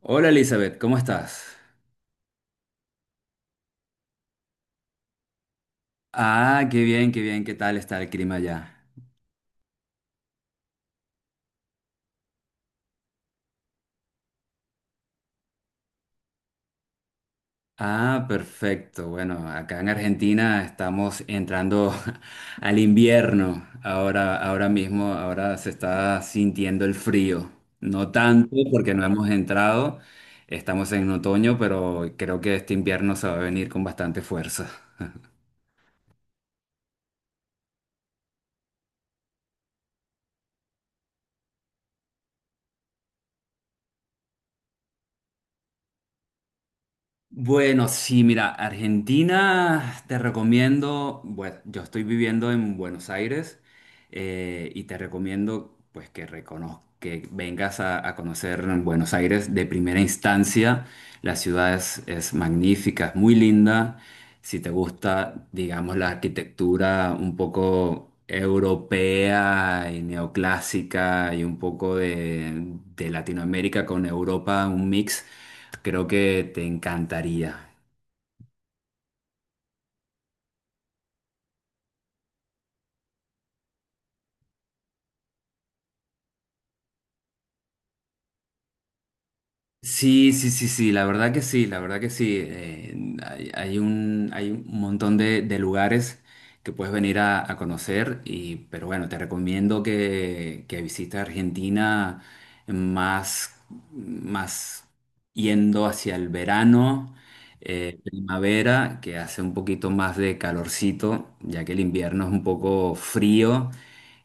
Hola Elizabeth, ¿cómo estás? Ah, qué bien, qué bien, ¿qué tal está el clima allá? Ah, perfecto. Bueno, acá en Argentina estamos entrando al invierno. Ahora mismo, ahora se está sintiendo el frío. No tanto porque no hemos entrado, estamos en otoño, pero creo que este invierno se va a venir con bastante fuerza. Bueno, sí, mira, Argentina te recomiendo, bueno, yo estoy viviendo en Buenos Aires y te recomiendo pues que que vengas a conocer Buenos Aires de primera instancia. La ciudad es magnífica, es muy linda. Si te gusta, digamos, la arquitectura un poco europea y neoclásica y un poco de Latinoamérica con Europa, un mix. Creo que te encantaría. Sí, la verdad que sí, la verdad que sí. Hay un montón de lugares que puedes venir a conocer, y, pero bueno, te recomiendo que visites Argentina más, más yendo hacia el verano, primavera, que hace un poquito más de calorcito, ya que el invierno es un poco frío.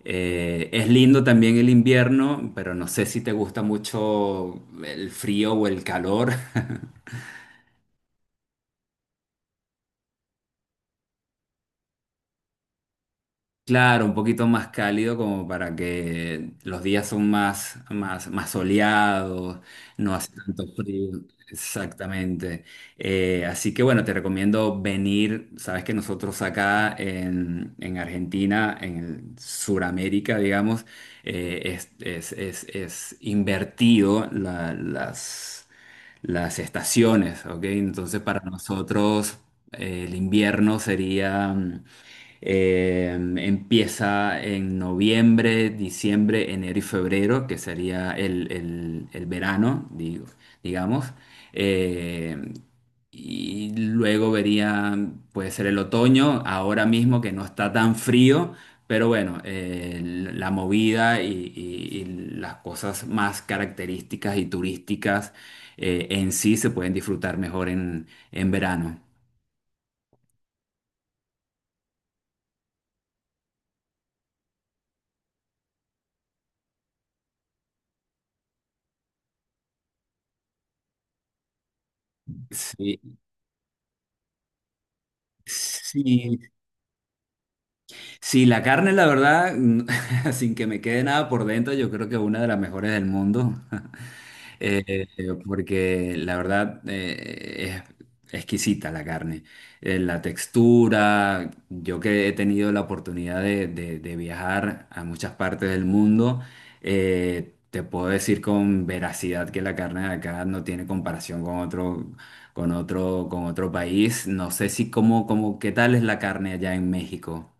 Es lindo también el invierno, pero no sé si te gusta mucho el frío o el calor. Claro, un poquito más cálido como para que los días son más soleados, no hace tanto frío. Exactamente. Así que bueno, te recomiendo venir. Sabes que nosotros acá en Argentina, en Sudamérica, digamos, es invertido las estaciones, ¿ok? Entonces para nosotros el invierno sería eh, empieza en noviembre, diciembre, enero y febrero, que sería el verano, digo, digamos. Eh, y luego vería, puede ser el otoño, ahora mismo que no está tan frío, pero bueno, la movida y las cosas más características y turísticas en sí se pueden disfrutar mejor en verano. Sí, sí, Sí, la carne, la verdad, sin que me quede nada por dentro, yo creo que es una de las mejores del mundo. Porque la verdad es exquisita la carne. La textura, yo que he tenido la oportunidad de viajar a muchas partes del mundo, te puedo decir con veracidad que la carne de acá no tiene comparación con otro, con otro, con otro país. No sé si qué tal es la carne allá en México.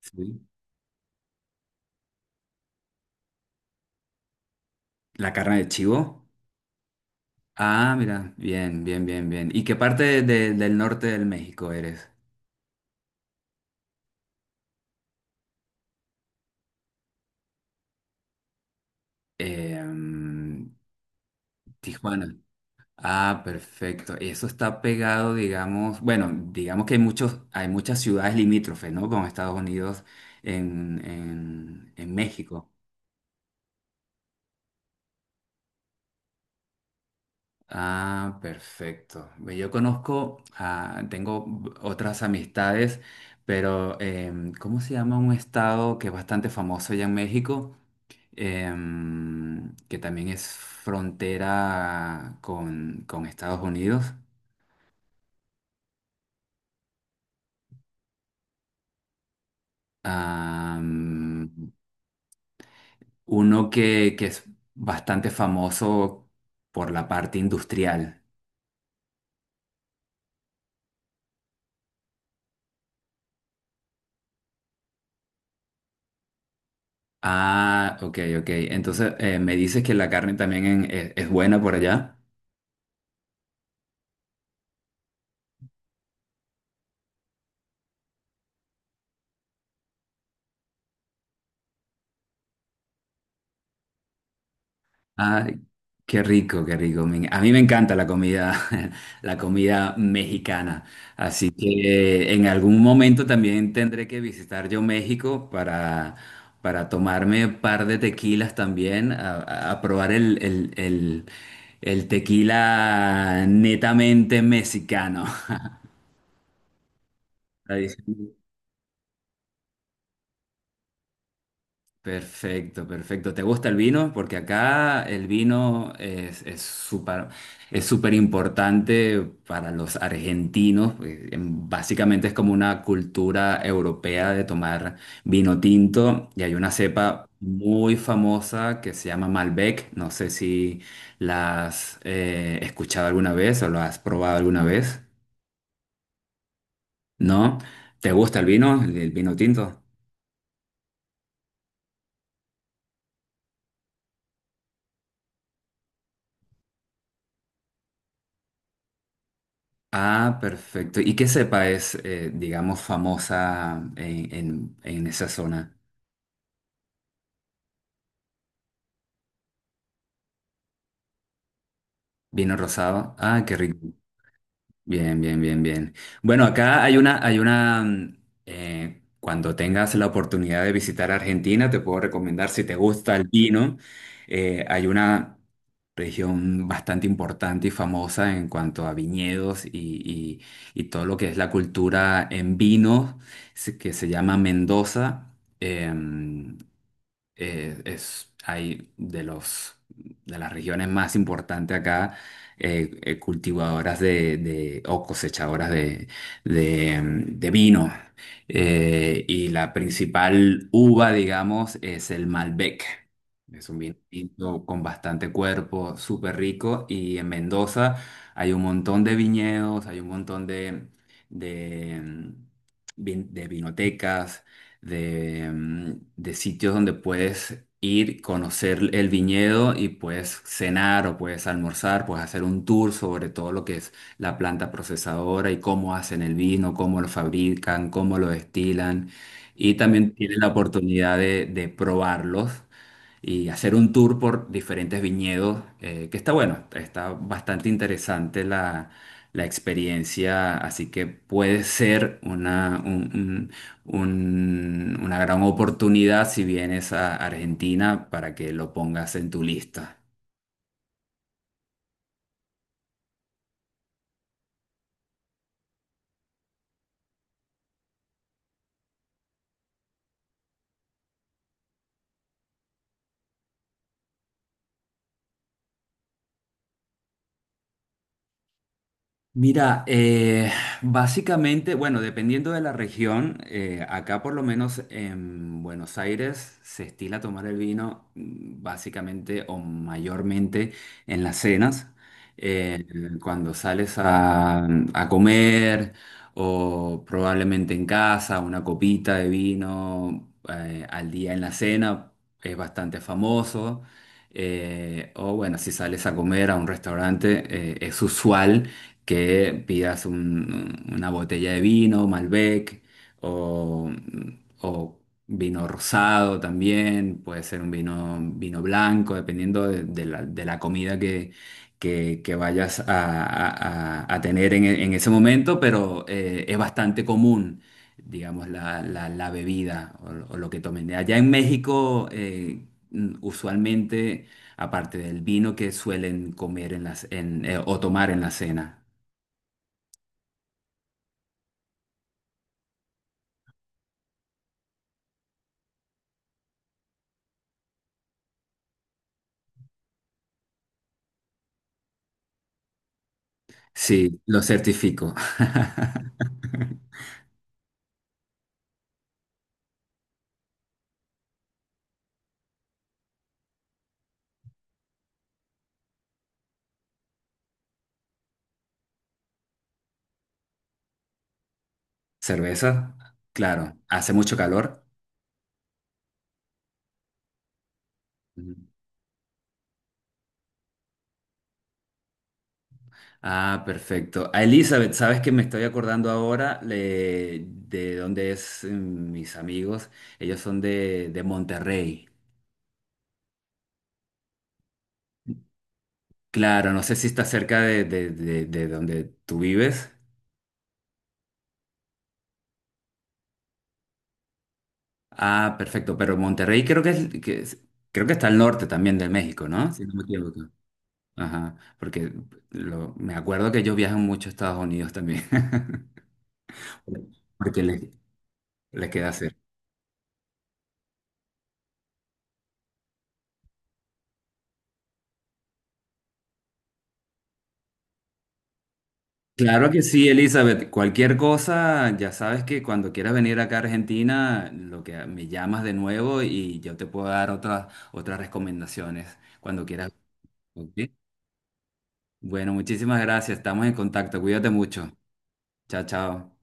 Sí. La carne de chivo. Ah, mira, bien, bien, bien, bien. ¿Y qué parte del norte del México eres? Eh, mm, Tijuana. Ah, perfecto. Eso está pegado, digamos, bueno, digamos que hay muchos, hay muchas ciudades limítrofes, ¿no? Con Estados Unidos en México. Ah, perfecto. Ve, yo conozco, ah, tengo otras amistades, pero em, ¿cómo se llama un estado que es bastante famoso allá en México? Em, que también es frontera con Estados Unidos. Am, uno que es bastante famoso por la parte industrial. Ah, ok, ok. Entonces, me dices que la carne también es buena por allá. Ay, qué rico, qué rico. A mí me encanta la comida, la comida mexicana. Así que en algún momento también tendré que visitar yo México para tomarme un par de tequilas también, a probar el tequila netamente mexicano. Perfecto, perfecto. ¿Te gusta el vino? Porque acá el vino es súper importante para los argentinos. Eh, básicamente es como una cultura europea de tomar vino tinto y hay una cepa muy famosa que se llama Malbec. No sé si la has escuchado alguna vez o lo has probado alguna vez. ¿No? ¿Te gusta el vino, el vino tinto? Ah, perfecto. ¿Y qué cepa es, digamos, famosa en esa zona? ¿Vino rosado? Ah, qué rico. Bien, bien, bien, bien. Bueno, acá hay una, cuando tengas la oportunidad de visitar Argentina, te puedo recomendar, si te gusta el vino, hay una región bastante importante y famosa en cuanto a viñedos y todo lo que es la cultura en vino, que se llama Mendoza. Em, es hay de los de las regiones más importantes acá, cultivadoras o cosechadoras de vino. Y la principal uva, digamos, es el Malbec. Es un vino tinto con bastante cuerpo, súper rico. Y en Mendoza hay un montón de viñedos, hay un montón de, mm, de vinotecas de, mm, de sitios donde puedes ir, conocer el viñedo y puedes cenar o puedes almorzar, puedes hacer un tour sobre todo lo que es la planta procesadora y cómo hacen el vino, cómo lo fabrican, cómo lo destilan. Y también tienes la oportunidad de probarlos y hacer un tour por diferentes viñedos, que está bueno, está bastante interesante la, la experiencia, así que puede ser una gran oportunidad si vienes a Argentina para que lo pongas en tu lista. Mira, básicamente, bueno, dependiendo de la región, acá por lo menos en Buenos Aires se estila tomar el vino básicamente o mayormente en las cenas, eh, cuando sales a comer o probablemente en casa, una copita de vino al día en la cena es bastante famoso. Eh, o bueno, si sales a comer a un restaurante, es usual que pidas una botella de vino, Malbec, o, o vino rosado también, puede ser un vino, vino blanco, dependiendo de la comida que vayas a tener en ese momento, pero es bastante común. Digamos, la bebida o lo que tomen. Allá en México, mm, usualmente, aparte del vino que suelen comer o tomar en la cena. Sí, lo certifico. ¿Cerveza? Claro, hace mucho calor. Ujú. Ah, perfecto. A Elizabeth, ¿sabes que me estoy acordando ahora de dónde es mis amigos? Ellos son de Monterrey. Claro, no sé si está cerca de donde tú vives. Ah, perfecto, pero Monterrey creo creo que está al norte también de México, ¿no? Si no me equivoco. Ajá, porque me acuerdo que ellos viajan mucho a Estados Unidos también, porque les queda hacer. Claro que sí, Elizabeth. Cualquier cosa, ya sabes que cuando quieras venir acá a Argentina, lo que me llamas de nuevo y yo te puedo dar otras recomendaciones cuando quieras. ¿Ok? Bueno, muchísimas gracias. Estamos en contacto. Cuídate mucho. Chao, chao.